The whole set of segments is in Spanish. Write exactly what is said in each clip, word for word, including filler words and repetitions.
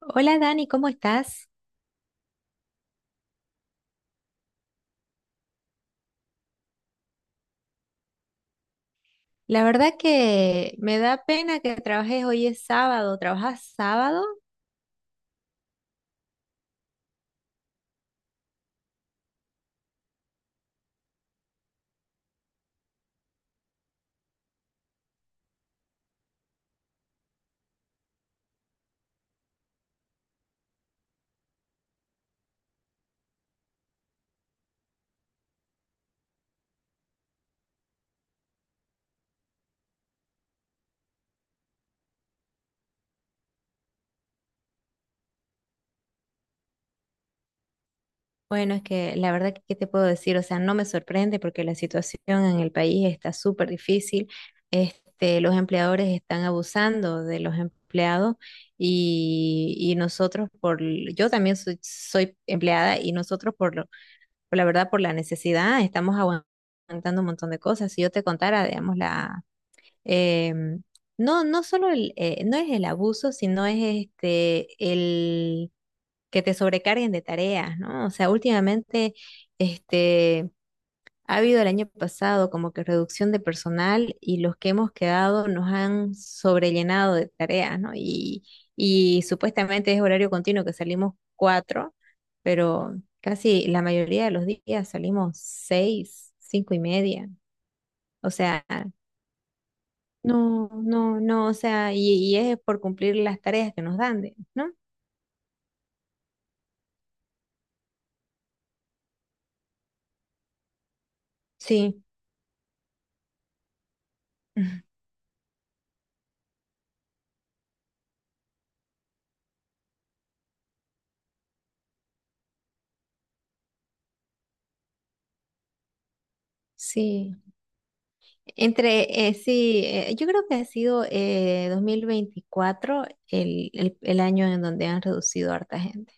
Hola Dani, ¿cómo estás? La verdad que me da pena que trabajes hoy es sábado. ¿Trabajas sábado? Bueno, es que la verdad que, ¿qué te puedo decir? O sea, no me sorprende porque la situación en el país está súper difícil. Este, los empleadores están abusando de los empleados y, y nosotros por, l- yo también soy, soy empleada y nosotros por lo, por la verdad, por la necesidad, estamos aguantando un montón de cosas. Si yo te contara, digamos, la Em, no, no solo el, eh, no es el abuso, sino es este el que te sobrecarguen de tareas, ¿no? O sea, últimamente este ha habido el año pasado como que reducción de personal y los que hemos quedado nos han sobrellenado de tareas, ¿no? Y, y supuestamente es horario continuo que salimos cuatro, pero casi la mayoría de los días salimos seis, cinco y media. O sea, no, no, no, o sea, y, y es por cumplir las tareas que nos dan, de- ¿no? Sí, sí. Entre, eh, sí, eh, yo creo que ha sido eh, dos mil veinticuatro el, el, el año en donde han reducido a harta gente.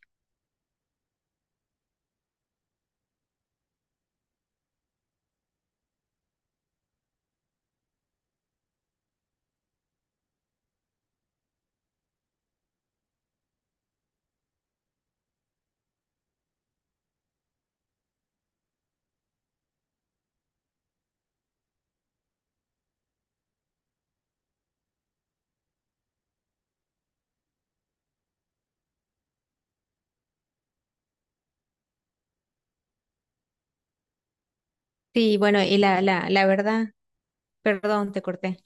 Sí, bueno, y la, la, la verdad, perdón, te corté.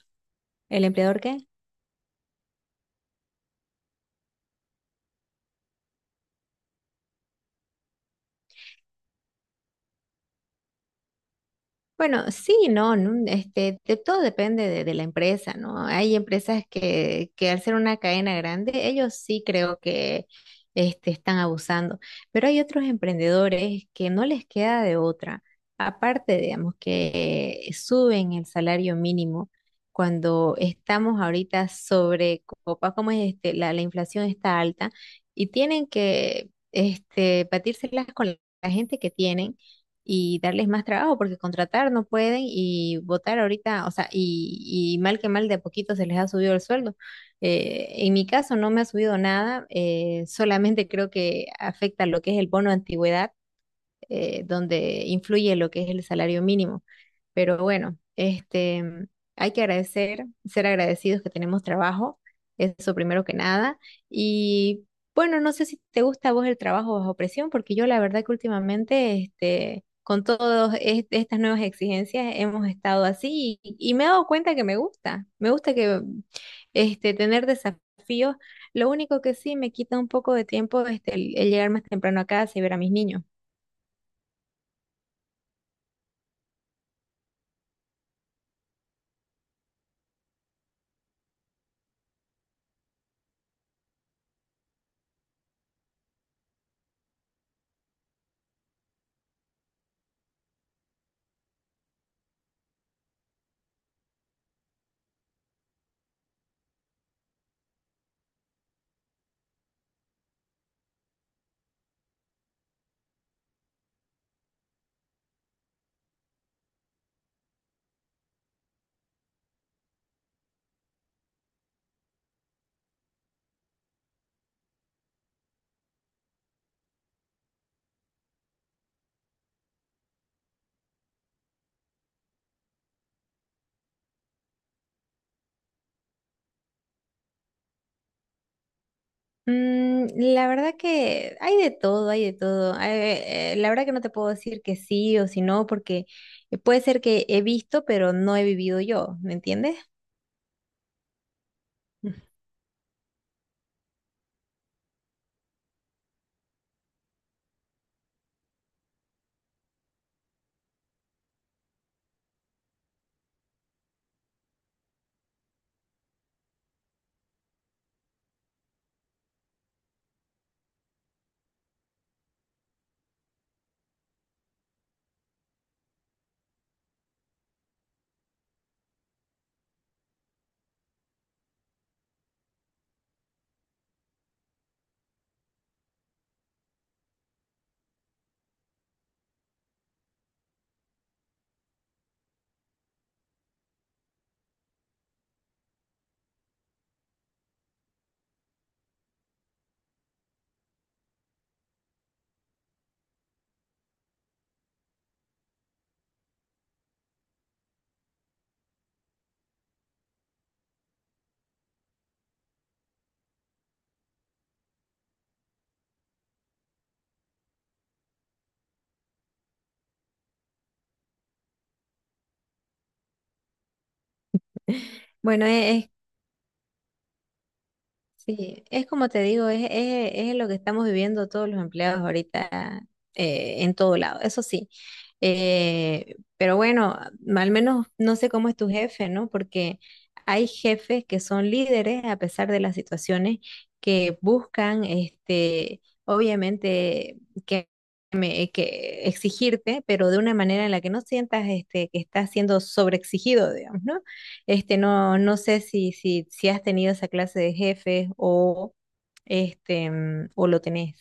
¿El empleador qué? Bueno, sí, no, no, este, de todo depende de, de la empresa, ¿no? Hay empresas que, que al ser una cadena grande, ellos sí creo que este, están abusando, pero hay otros emprendedores que no les queda de otra. Aparte, digamos, que suben el salario mínimo cuando estamos ahorita sobre copa, como es este, la, la inflación está alta y tienen que este, batírselas con la gente que tienen y darles más trabajo porque contratar no pueden y votar ahorita, o sea, y, y mal que mal de a poquito se les ha subido el sueldo. Eh, en mi caso no me ha subido nada, eh, solamente creo que afecta lo que es el bono de antigüedad eh, donde influye lo que es el salario mínimo. Pero bueno, este, hay que agradecer, ser agradecidos que tenemos trabajo, eso primero que nada. Y bueno, no sé si te gusta a vos el trabajo bajo presión, porque yo la verdad que últimamente, este, con todas estas nuevas exigencias hemos estado así y, y me he dado cuenta que me gusta, me gusta que este, tener desafíos. Lo único que sí me quita un poco de tiempo este, el el llegar más temprano a casa y ver a mis niños. Mm, la verdad que hay de todo, hay de todo. Eh, eh, la verdad que no te puedo decir que sí o si no, porque eh, puede ser que he visto, pero no he vivido yo, ¿me entiendes? Mm. Bueno, e- es, sí, es como te digo, es, es, es lo que estamos viviendo todos los empleados ahorita eh, en todo lado, eso sí. Eh, pero bueno, al menos no sé cómo es tu jefe, ¿no? Porque hay jefes que son líderes a pesar de las situaciones que buscan, este, obviamente, que me- eh, que exigirte, pero de una manera en la que no sientas este, que estás siendo sobreexigido, digamos, ¿no? Este, no, no sé si, si, si has tenido esa clase de jefes o, este, mm, o lo tenés.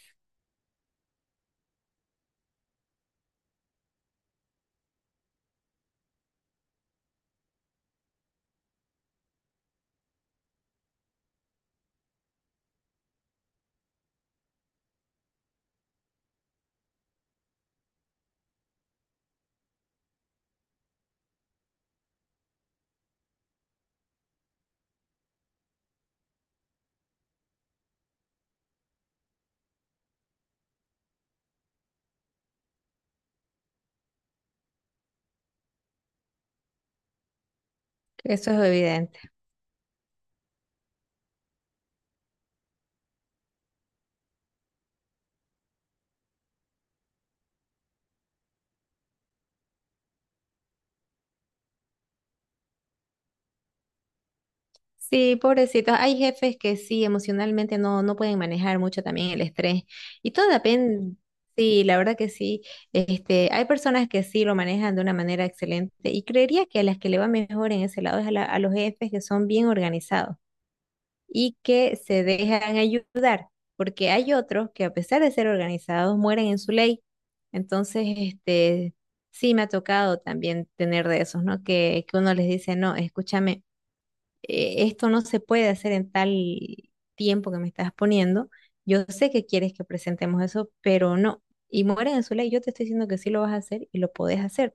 Eso es evidente. Sí, pobrecitos. Hay jefes que sí, emocionalmente no, no pueden manejar mucho también el estrés. Y todo depende, sí, la verdad que sí. Este, hay personas que sí lo manejan de una manera excelente y creería que a las que le va mejor en ese lado es a, la- a los jefes que son bien organizados y que se dejan ayudar, porque hay otros que a pesar de ser organizados mueren en su ley. Entonces, este, sí me ha tocado también tener de esos, ¿no? Que, que uno les dice, no, escúchame, eh, esto no se puede hacer en tal tiempo que me estás poniendo. Yo sé que quieres que presentemos eso, pero no. Y mueren en su ley. Yo te estoy diciendo que sí lo vas a hacer y lo podés hacer.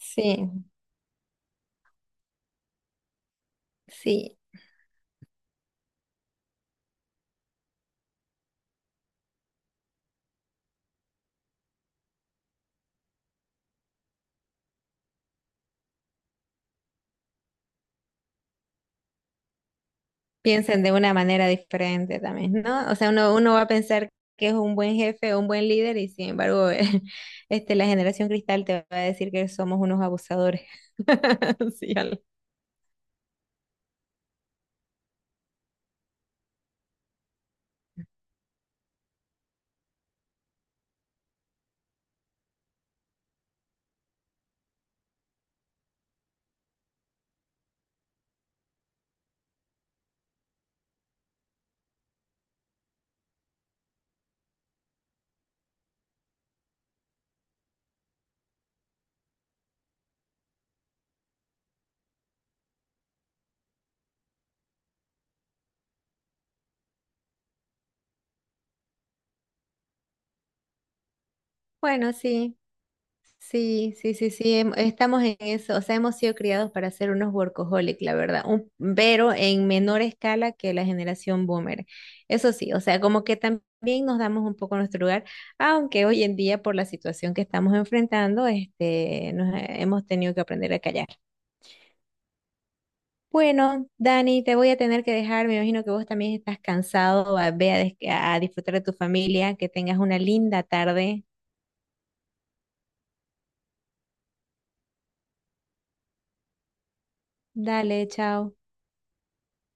Sí, sí, piensen de una manera diferente también, ¿no? O sea, uno, uno va a pensar que es un buen jefe o un buen líder y sin embargo, este, la generación cristal te va a decir que somos unos abusadores. Sí, algo. Bueno, sí. Sí, sí, sí, sí, em- estamos en eso, o sea, hemos sido criados para ser unos workaholic, la verdad, un- pero en menor escala que la generación boomer. Eso sí, o sea, como que también nos damos un poco nuestro lugar, aunque hoy en día por la situación que estamos enfrentando, este, nos he- hemos tenido que aprender a callar. Bueno, Dani, te voy a tener que dejar, me imagino que vos también estás cansado, a- ve a, des- a disfrutar de tu familia, que tengas una linda tarde. Dale, chao.